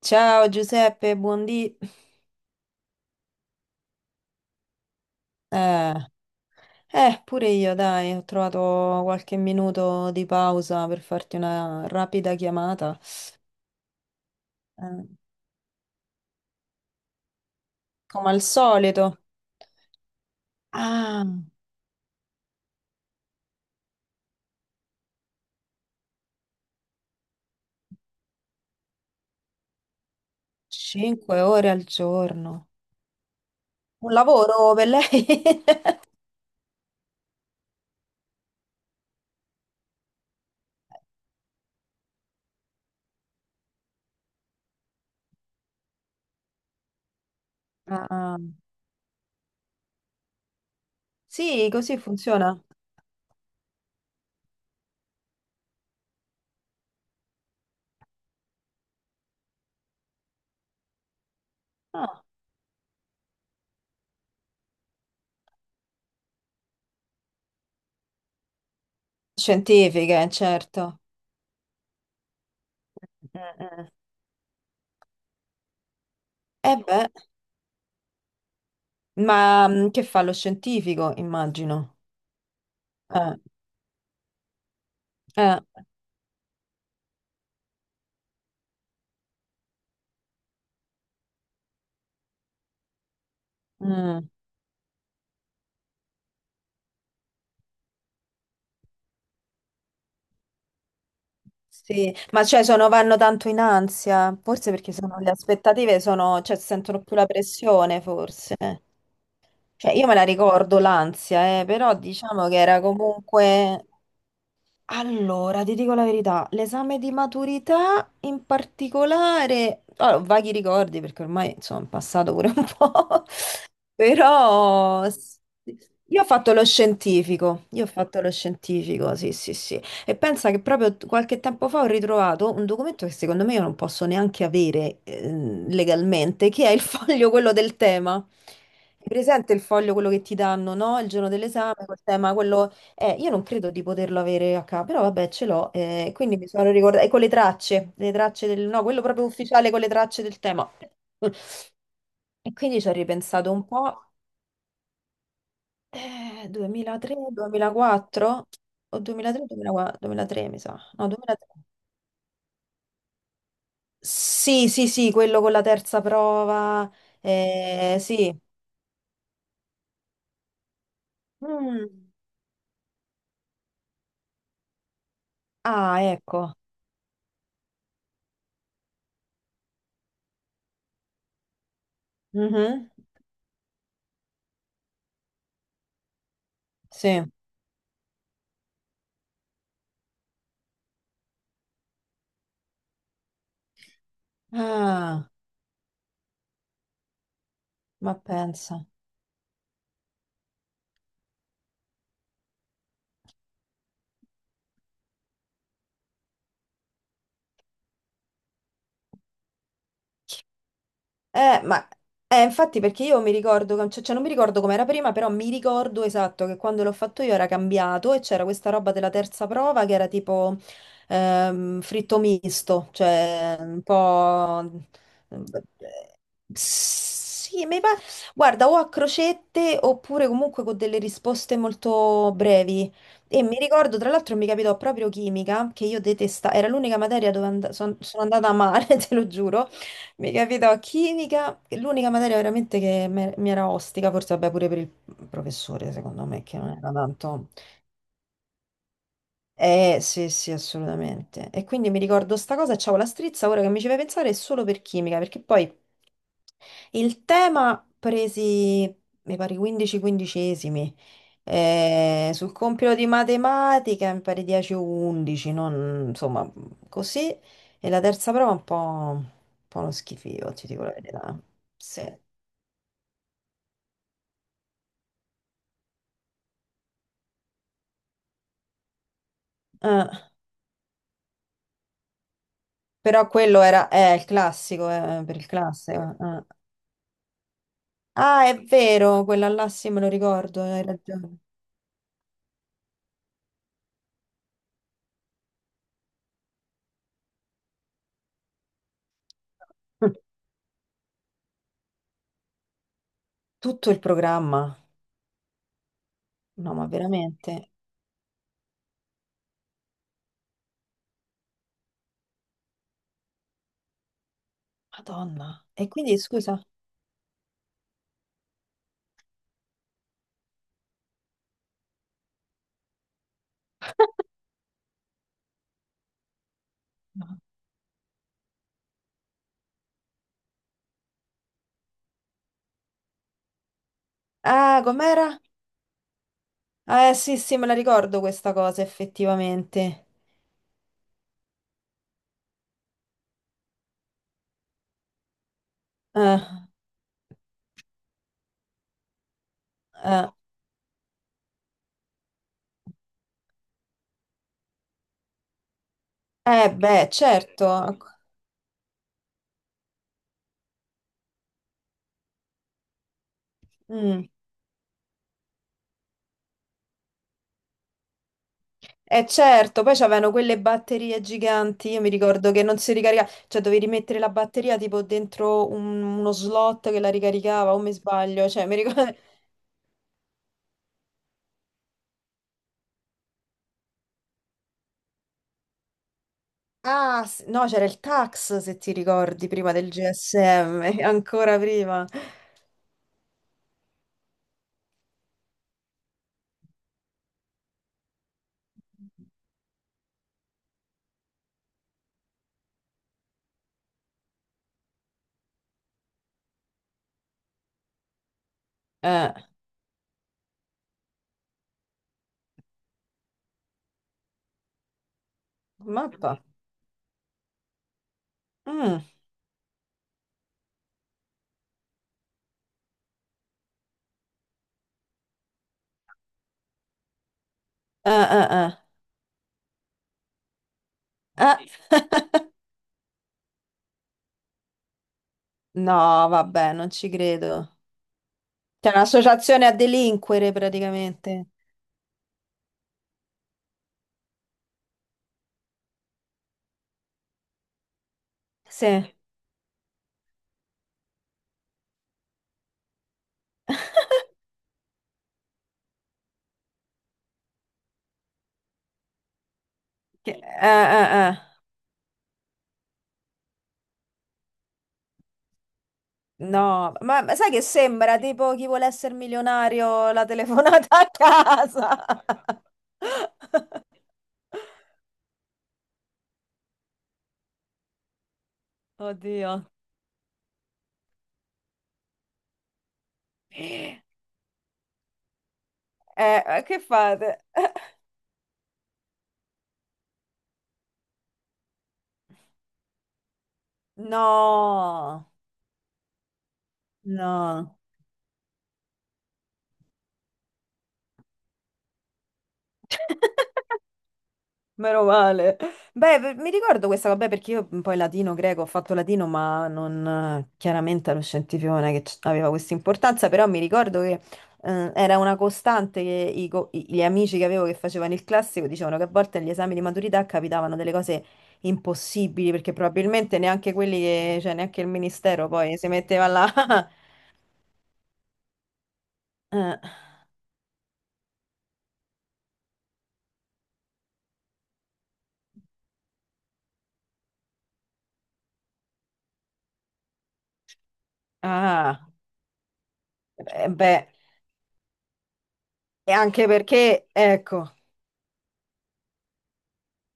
Ciao Giuseppe, buondì. Eh, pure io, dai, ho trovato qualche minuto di pausa per farti una rapida chiamata. Eh, come al solito. Ah, 5 ore al giorno. Un lavoro per lei? Ah, ah. Sì, così funziona. Ah, scientifiche, certo. Mm-mm. Beh, ma che fa lo scientifico, immagino. Eh, eh, mm. Sì, ma cioè sono, vanno tanto in ansia, forse perché sono, le aspettative sono, cioè sentono più la pressione forse. Cioè io me la ricordo l'ansia, però diciamo che era comunque. Allora, ti dico la verità, l'esame di maturità in particolare, allora, ho vaghi ricordi perché ormai insomma è passato pure un po', però io ho fatto lo scientifico, io ho fatto lo scientifico, sì, sì, sì, e pensa che proprio qualche tempo fa ho ritrovato un documento che secondo me io non posso neanche avere legalmente, che è il foglio quello del tema. Hai presente il foglio, quello che ti danno, no? Il giorno dell'esame, col tema, quello io non credo di poterlo avere a capo, però vabbè, ce l'ho, quindi mi sono ricordata, e con le tracce del, no, quello proprio ufficiale con le tracce del tema. E quindi ci ho ripensato un po', 2003, 2004, o 2003, 2004, 2003 mi sa, no, 2003. Sì, sì, sì, quello con la terza prova, sì. Mm. Ah, ecco. Mhm. Sì. Ah, ma pensa. Ma infatti perché io mi ricordo, cioè, non mi ricordo com'era prima, però mi ricordo esatto che quando l'ho fatto io era cambiato e c'era questa roba della terza prova che era tipo fritto misto, cioè un po'. Sì, guarda, o a crocette oppure comunque con delle risposte molto brevi. E mi ricordo, tra l'altro, mi capitò proprio chimica, che io detestavo, era l'unica materia dove sono andata a male, te lo giuro. Mica vedo chimica, che è l'unica materia veramente che mi era ostica, forse vabbè pure per il professore, secondo me, che non era tanto. Sì, sì, assolutamente. E quindi mi ricordo sta cosa e c'avevo la strizza, ora che mi ci fai pensare, è solo per chimica, perché poi il tema presi, mi pare, 15 quindicesimi, sul compito di matematica mi pare 10 o 11, non, insomma, così. E la terza prova è un po' uno schifo, ti dico la verità. Sì. Eh. Però quello era il classico, per il classico. Eh. Ah, è vero, quella là sì, me lo ricordo, hai ragione. Tutto il programma. No, ma veramente. Madonna. E quindi, scusa. No. Ah, com'era? Ah, sì, sì, me la ricordo questa cosa, effettivamente. Eh, eh. Beh, certo. Ecco. Mm. Eh, certo, poi c'avevano quelle batterie giganti, io mi ricordo che non si ricaricava, cioè dovevi mettere la batteria tipo dentro uno slot che la ricaricava, o mi sbaglio, cioè mi ricordo. Ah, no, c'era il tax, se ti ricordi, prima del GSM, ancora prima. Eh, mappa. Mm. Eh. Eh. No, vabbè, non ci credo. C'è un'associazione a delinquere praticamente. Sì. Eh. No, ma sai che sembra tipo chi vuole essere milionario la telefonata a casa. Oddio. Eh, che fate? No, no. Meno male. Beh, mi ricordo questa, vabbè, perché io poi latino, greco, ho fatto latino, ma non, chiaramente lo scientifico non è che aveva questa importanza, però mi ricordo che era una costante che gli amici che avevo che facevano il classico dicevano che a volte agli esami di maturità capitavano delle cose impossibili, perché probabilmente neanche quelli che, cioè neanche il ministero poi si metteva là. Eh, ah, beh, e anche perché, ecco.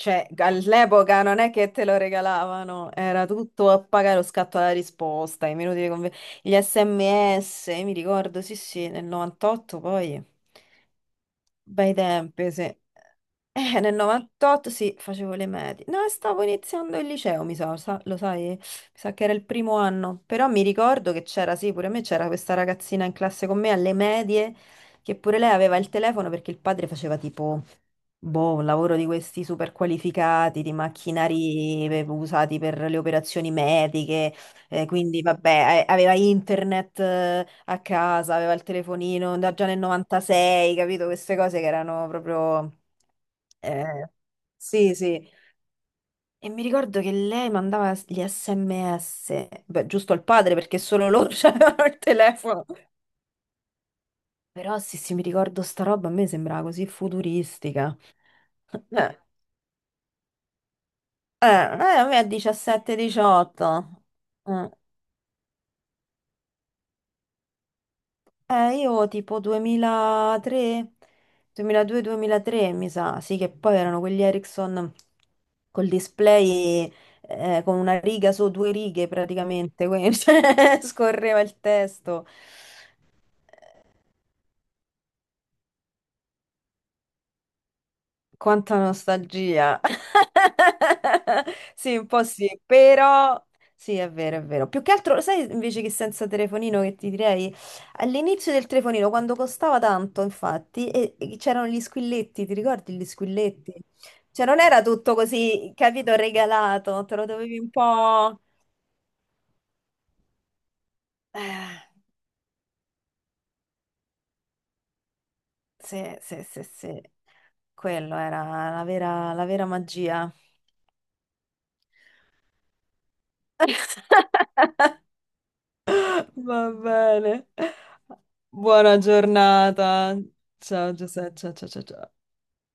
Cioè, all'epoca non è che te lo regalavano, era tutto a pagare lo scatto alla risposta, i minuti di gli SMS, mi ricordo, sì, sì, nel 98 poi bei tempi, sì. Nel 98 sì, facevo le medie. No, stavo iniziando il liceo, mi sa, lo sai? Mi sa che era il primo anno. Però mi ricordo che c'era, sì, pure a me c'era questa ragazzina in classe con me alle medie, che pure lei aveva il telefono perché il padre faceva tipo, boh, un lavoro di questi super qualificati, di macchinari usati per le operazioni mediche. Quindi vabbè, aveva internet a casa, aveva il telefonino da già nel 96, capito? Queste cose che erano proprio. Eh, sì, sì. E mi ricordo che lei mandava gli SMS, beh, giusto al padre perché solo loro avevano il telefono. Però sì, sì, mi ricordo sta roba, a me sembrava così futuristica. Eh, a me a 17-18. Io tipo 2003, 2002-2003 mi sa, sì che poi erano quegli Ericsson col display con una riga su due righe praticamente, quindi cioè, scorreva il testo. Quanta nostalgia. Sì, un po' sì, però sì, è vero, è vero. Più che altro, sai invece che senza telefonino che ti direi? All'inizio del telefonino, quando costava tanto, infatti, e c'erano gli squilletti, ti ricordi gli squilletti? Cioè, non era tutto così, capito, regalato, te lo dovevi un po'. Eh, sì, sì, sì, sì. Quello era la vera magia. Va bene. Buona giornata. Ciao Giuseppe, ciao ciao ciao. Ciao.